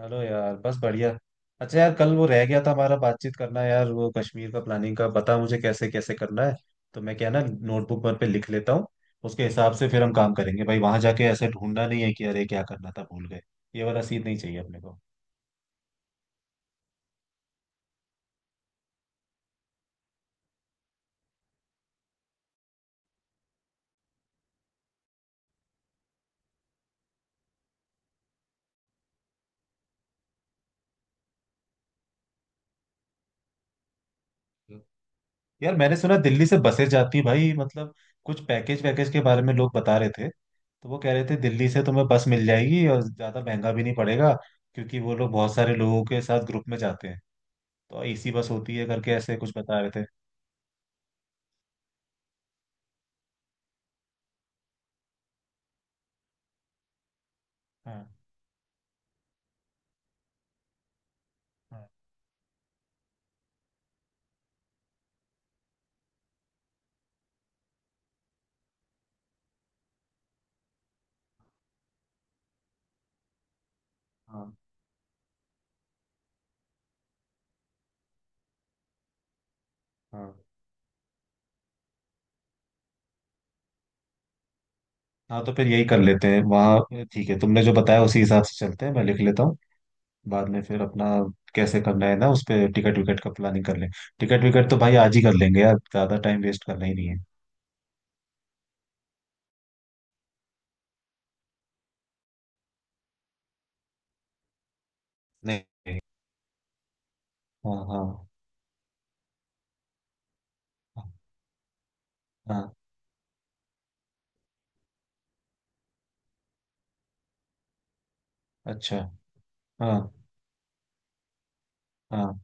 Hello यार, बस बढ़िया। अच्छा यार, कल वो रह गया था हमारा बातचीत करना, यार वो कश्मीर का प्लानिंग का बता मुझे कैसे कैसे करना है। तो मैं क्या ना नोटबुक पर पे लिख लेता हूँ। उसके हिसाब से फिर हम काम करेंगे भाई, वहां जाके ऐसे ढूंढना नहीं है कि अरे क्या करना था भूल गए। ये वाला सीन नहीं चाहिए अपने को। यार, मैंने सुना दिल्ली से बसें जाती भाई, मतलब कुछ पैकेज वैकेज के बारे में लोग बता रहे थे, तो वो कह रहे थे दिल्ली से तुम्हें बस मिल जाएगी और ज्यादा महंगा भी नहीं पड़ेगा, क्योंकि वो लोग बहुत सारे लोगों के साथ ग्रुप में जाते हैं। तो एसी बस होती है करके ऐसे कुछ बता रहे थे। हाँ, हाँ, हाँ, हाँ, हाँ, तो फिर यही कर लेते हैं वहाँ। ठीक है, तुमने जो बताया उसी हिसाब से चलते हैं, मैं लिख लेता हूँ। बाद में फिर अपना कैसे करना है ना, उस पे टिकट विकट का प्लानिंग कर लें। टिकट विकट तो भाई आज ही कर लेंगे यार, ज़्यादा टाइम वेस्ट करना ही नहीं है। नहीं, हाँ, हाँ, हाँ, अच्छा, हाँ, हाँ।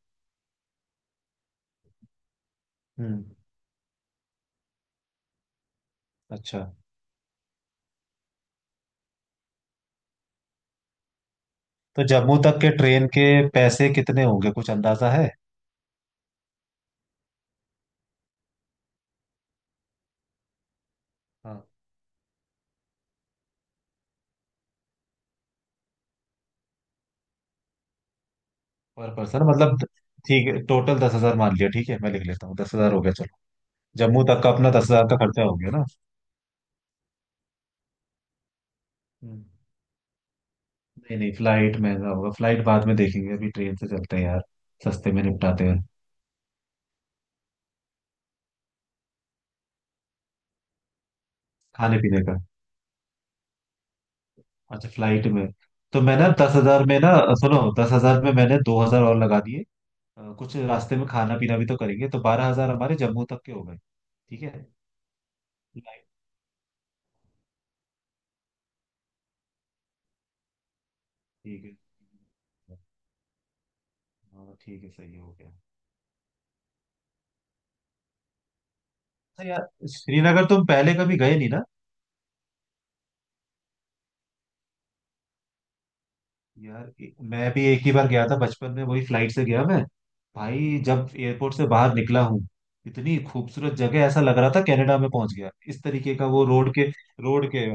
हम्म, अच्छा, तो जम्मू तक के ट्रेन के पैसे कितने होंगे, कुछ अंदाजा है? हाँ, पर पर्सन मतलब? ठीक है, टोटल 10 हजार मान लिया, ठीक है, मैं लिख लेता हूँ, 10 हजार हो गया चलो। जम्मू तक का अपना 10 हजार का खर्चा हो गया ना। हम्म। नहीं नहीं, फ्लाइट महंगा होगा, फ्लाइट बाद में देखेंगे, अभी ट्रेन से चलते हैं यार, सस्ते में निपटाते हैं। खाने पीने का? अच्छा, फ्लाइट में? तो मैं ना 10 हजार में ना, सुनो, 10 हजार में मैंने 2 हजार और लगा दिए। कुछ रास्ते में खाना पीना भी तो करेंगे, तो 12 हजार हमारे जम्मू तक के हो गए, ठीक है। फ्लाइट? ठीक है। हाँ ठीक है, सही हो गया। अच्छा यार, श्रीनगर तुम पहले कभी गए नहीं ना? यार, मैं भी एक ही बार गया था बचपन में, वही फ्लाइट से गया मैं। भाई, जब एयरपोर्ट से बाहर निकला हूँ, इतनी खूबसूरत जगह, ऐसा लग रहा था कनाडा में पहुंच गया, इस तरीके का वो रोड के, रोड के।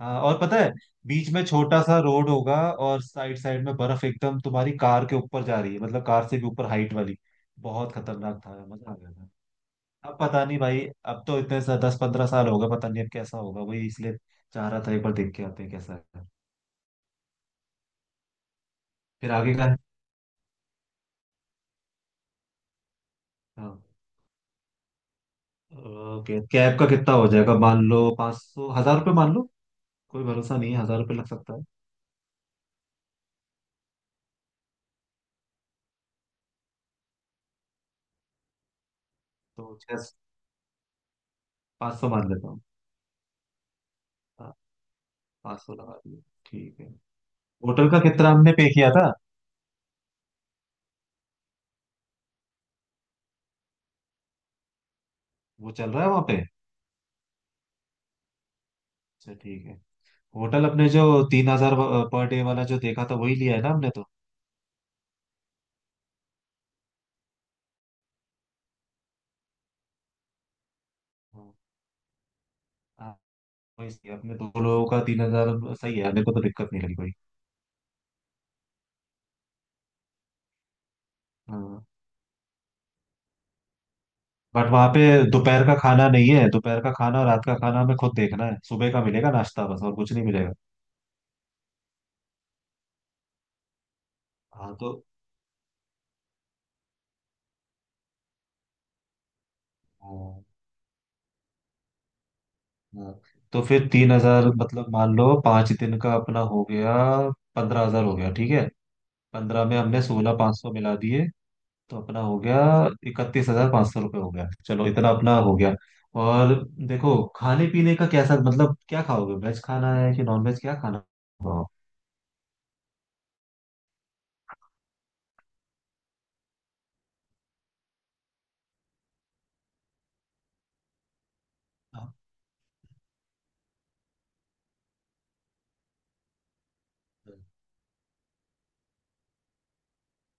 हाँ, और पता है, बीच में छोटा सा रोड होगा और साइड साइड में बर्फ एकदम तुम्हारी कार के ऊपर जा रही है, मतलब कार से भी ऊपर हाइट वाली। बहुत खतरनाक था, मजा आ गया था। अब पता नहीं भाई, अब तो इतने दस पंद्रह साल होगा, पता नहीं अब कैसा होगा, वही इसलिए चाह रहा था एक बार देख के आते हैं कैसा है। फिर आगे का है? हाँ, ओके, कैब का कितना हो जाएगा, मान लो 500, हजार रुपये मान लो, कोई भरोसा नहीं है, हजार रुपये लग सकता है। तो छः 500 मान लेता हूँ। हाँ, 500 लगा दिए, ठीक है। होटल का कितना हमने पे किया था? वो चल रहा है वहाँ पे? अच्छा, ठीक है। होटल अपने जो 3 हजार पर डे वाला जो देखा था, वही लिया है ना हमने तो। हाँ, हाँ, वही सही है। अपने दो लोगों का 3 हजार सही है, मेरे को तो दिक्कत नहीं लगी कोई। हाँ, बट वहाँ पे दोपहर का खाना नहीं है, दोपहर का खाना और रात का खाना हमें खुद देखना है, सुबह का मिलेगा नाश्ता बस, और कुछ नहीं मिलेगा। हाँ तो, हाँ, हाँ। तो फिर 3 हजार मतलब, मान लो 5 दिन का अपना हो गया, 15 हजार हो गया ठीक है। 15 में हमने 16,500 मिला दिए, तो अपना हो गया 31,500 रुपये हो गया, चलो इतना अपना हो गया। और देखो, खाने पीने का कैसा, मतलब क्या खाओगे, वेज खाना है कि नॉन वेज, क्या खाना खाओ? हाँ,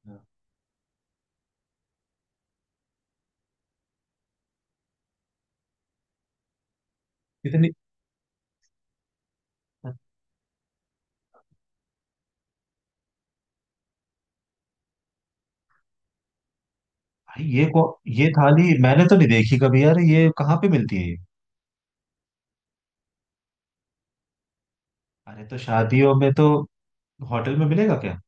हाँ। इतनी? भाई ये को, ये थाली मैंने तो नहीं देखी कभी यार, ये कहाँ पे मिलती है ये? अरे तो शादियों में तो होटल में मिलेगा क्या?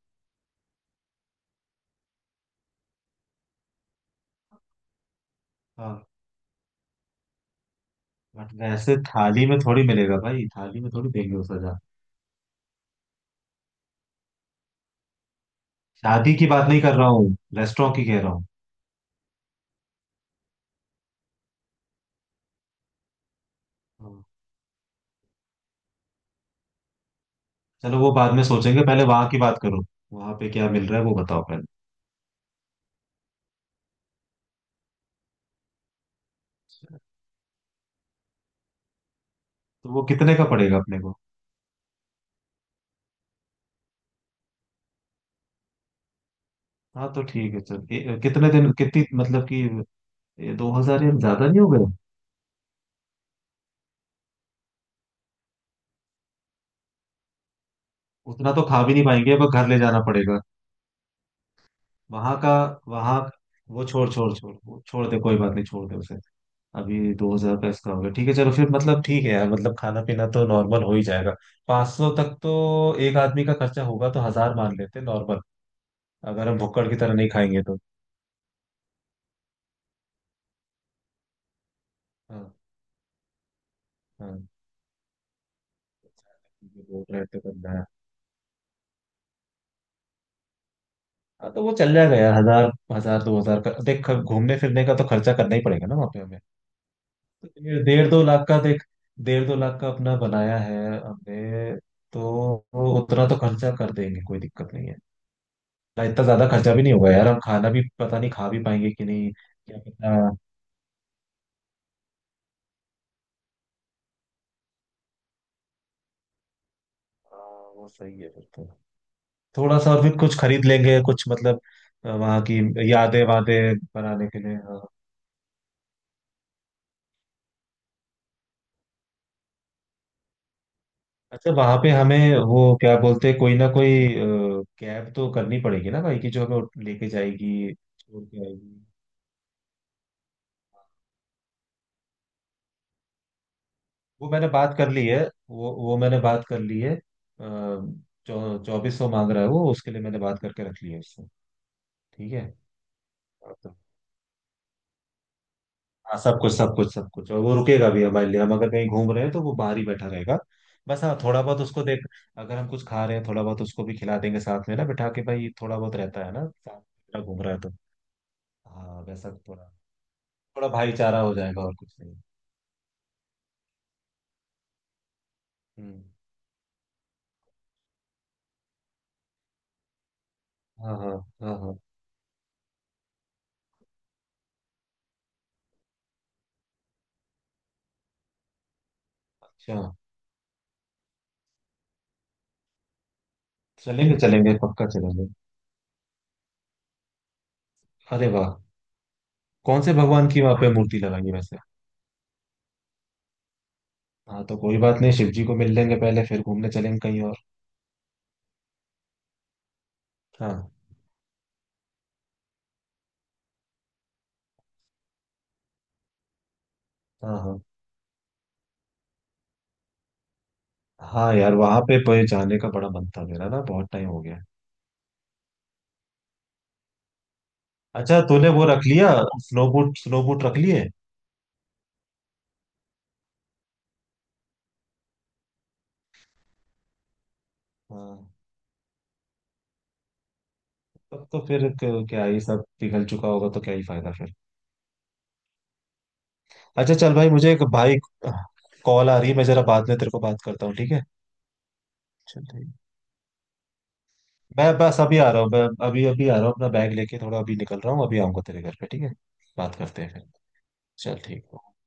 हाँ। बट वैसे थाली में थोड़ी मिलेगा भाई, थाली में थोड़ी देंगे उस हजार। शादी की बात नहीं कर रहा हूँ, रेस्टोरेंट की कह रहा हूँ। हाँ। चलो, वो बाद में सोचेंगे, पहले वहां की बात करो, वहां पे क्या मिल रहा है वो बताओ पहले। तो वो कितने का पड़ेगा अपने को? हाँ तो ठीक है चल, कितने दिन कितनी मतलब कि ये 2 हजार या ज्यादा नहीं हो गए? उतना तो खा भी नहीं पाएंगे, अब घर ले जाना पड़ेगा वहां का। वहां वो छोड़ छोड़ छोड़, वो छोड़ दे, कोई बात नहीं, छोड़ दे उसे। अभी 2 हजार का इसका हो गया, ठीक है, चलो फिर मतलब ठीक है यार, मतलब खाना पीना तो नॉर्मल हो ही जाएगा। पाँच सौ तक तो एक आदमी का खर्चा होगा, तो हजार मान लेते हैं नॉर्मल, अगर हम भुक्कड़ की तरह नहीं खाएंगे तो। हाँ, हाँ, बोल रहे तो करना है। हाँ, तो वो चल जाएगा यार, हजार हजार दो हजार का देख, घूमने फिरने का तो खर्चा करना ही पड़ेगा ना वहाँ पे हमें। तो डेढ़ डेढ़ 2 लाख का देख, डेढ़ दो लाख का अपना बनाया है हमने, तो वो उतना तो खर्चा कर देंगे, कोई दिक्कत नहीं है। ना इतना ज्यादा खर्चा भी नहीं होगा यार, हम खाना भी पता नहीं खा भी पाएंगे कि नहीं, क्या पता। हाँ, वो सही है फिर तो। थोड़ा सा और फिर कुछ खरीद लेंगे कुछ, मतलब वहाँ की यादें वादें बनाने के लिए। हाँ, अच्छा, वहाँ पे हमें वो क्या बोलते हैं, कोई ना कोई कैब तो करनी पड़ेगी ना भाई, की जो हमें लेके जाएगी, छोड़ के आएगी। वो मैंने बात कर ली है, वो मैंने बात कर ली है। चौ चौबीस सौ मांग रहा है वो, उसके लिए मैंने बात करके रख ली है उससे। ठीक है। हाँ, सब कुछ सब कुछ सब कुछ, और वो रुकेगा भी हमारे लिए, हम अगर कहीं घूम रहे हैं तो वो बाहर ही बैठा रहेगा बस। हाँ, थोड़ा बहुत उसको देख, अगर हम कुछ खा रहे हैं थोड़ा बहुत उसको भी खिला देंगे साथ में ना, बिठा के भाई, थोड़ा बहुत रहता है ना साथ में, घूम रहा है तो। हाँ, वैसा थोड़ा, थोड़ा भाईचारा हो जाएगा और कुछ नहीं। हम्म, हाँ, हाँ, हाँ, हाँ, अच्छा, चलेंगे, चलेंगे पक्का चलेंगे। अरे वाह, कौन से भगवान की वहां पे मूर्ति लगाई है वैसे? हाँ, तो कोई बात नहीं, शिव जी को मिल लेंगे पहले, फिर घूमने चलेंगे कहीं और। हाँ, हाँ, हाँ, हाँ यार, वहां पे पे जाने का बड़ा मन था मेरा ना, बहुत टाइम हो गया। अच्छा, तूने वो रख लिया, स्नो बूट, स्नो बूट रख लिए? हाँ, तब तो फिर क्या ही सब पिघल चुका होगा, तो क्या ही फायदा फिर। अच्छा चल भाई, मुझे एक भाई कॉल आ रही है, मैं जरा बाद में तेरे को बात करता हूँ, ठीक है? चल ठीक है। मैं बस अभी आ रहा हूँ मैं, अभी अभी आ रहा हूँ अपना बैग लेके, थोड़ा अभी निकल रहा हूँ, अभी आऊंगा तेरे घर पे ठीक है। बात करते हैं फिर। चल ठीक है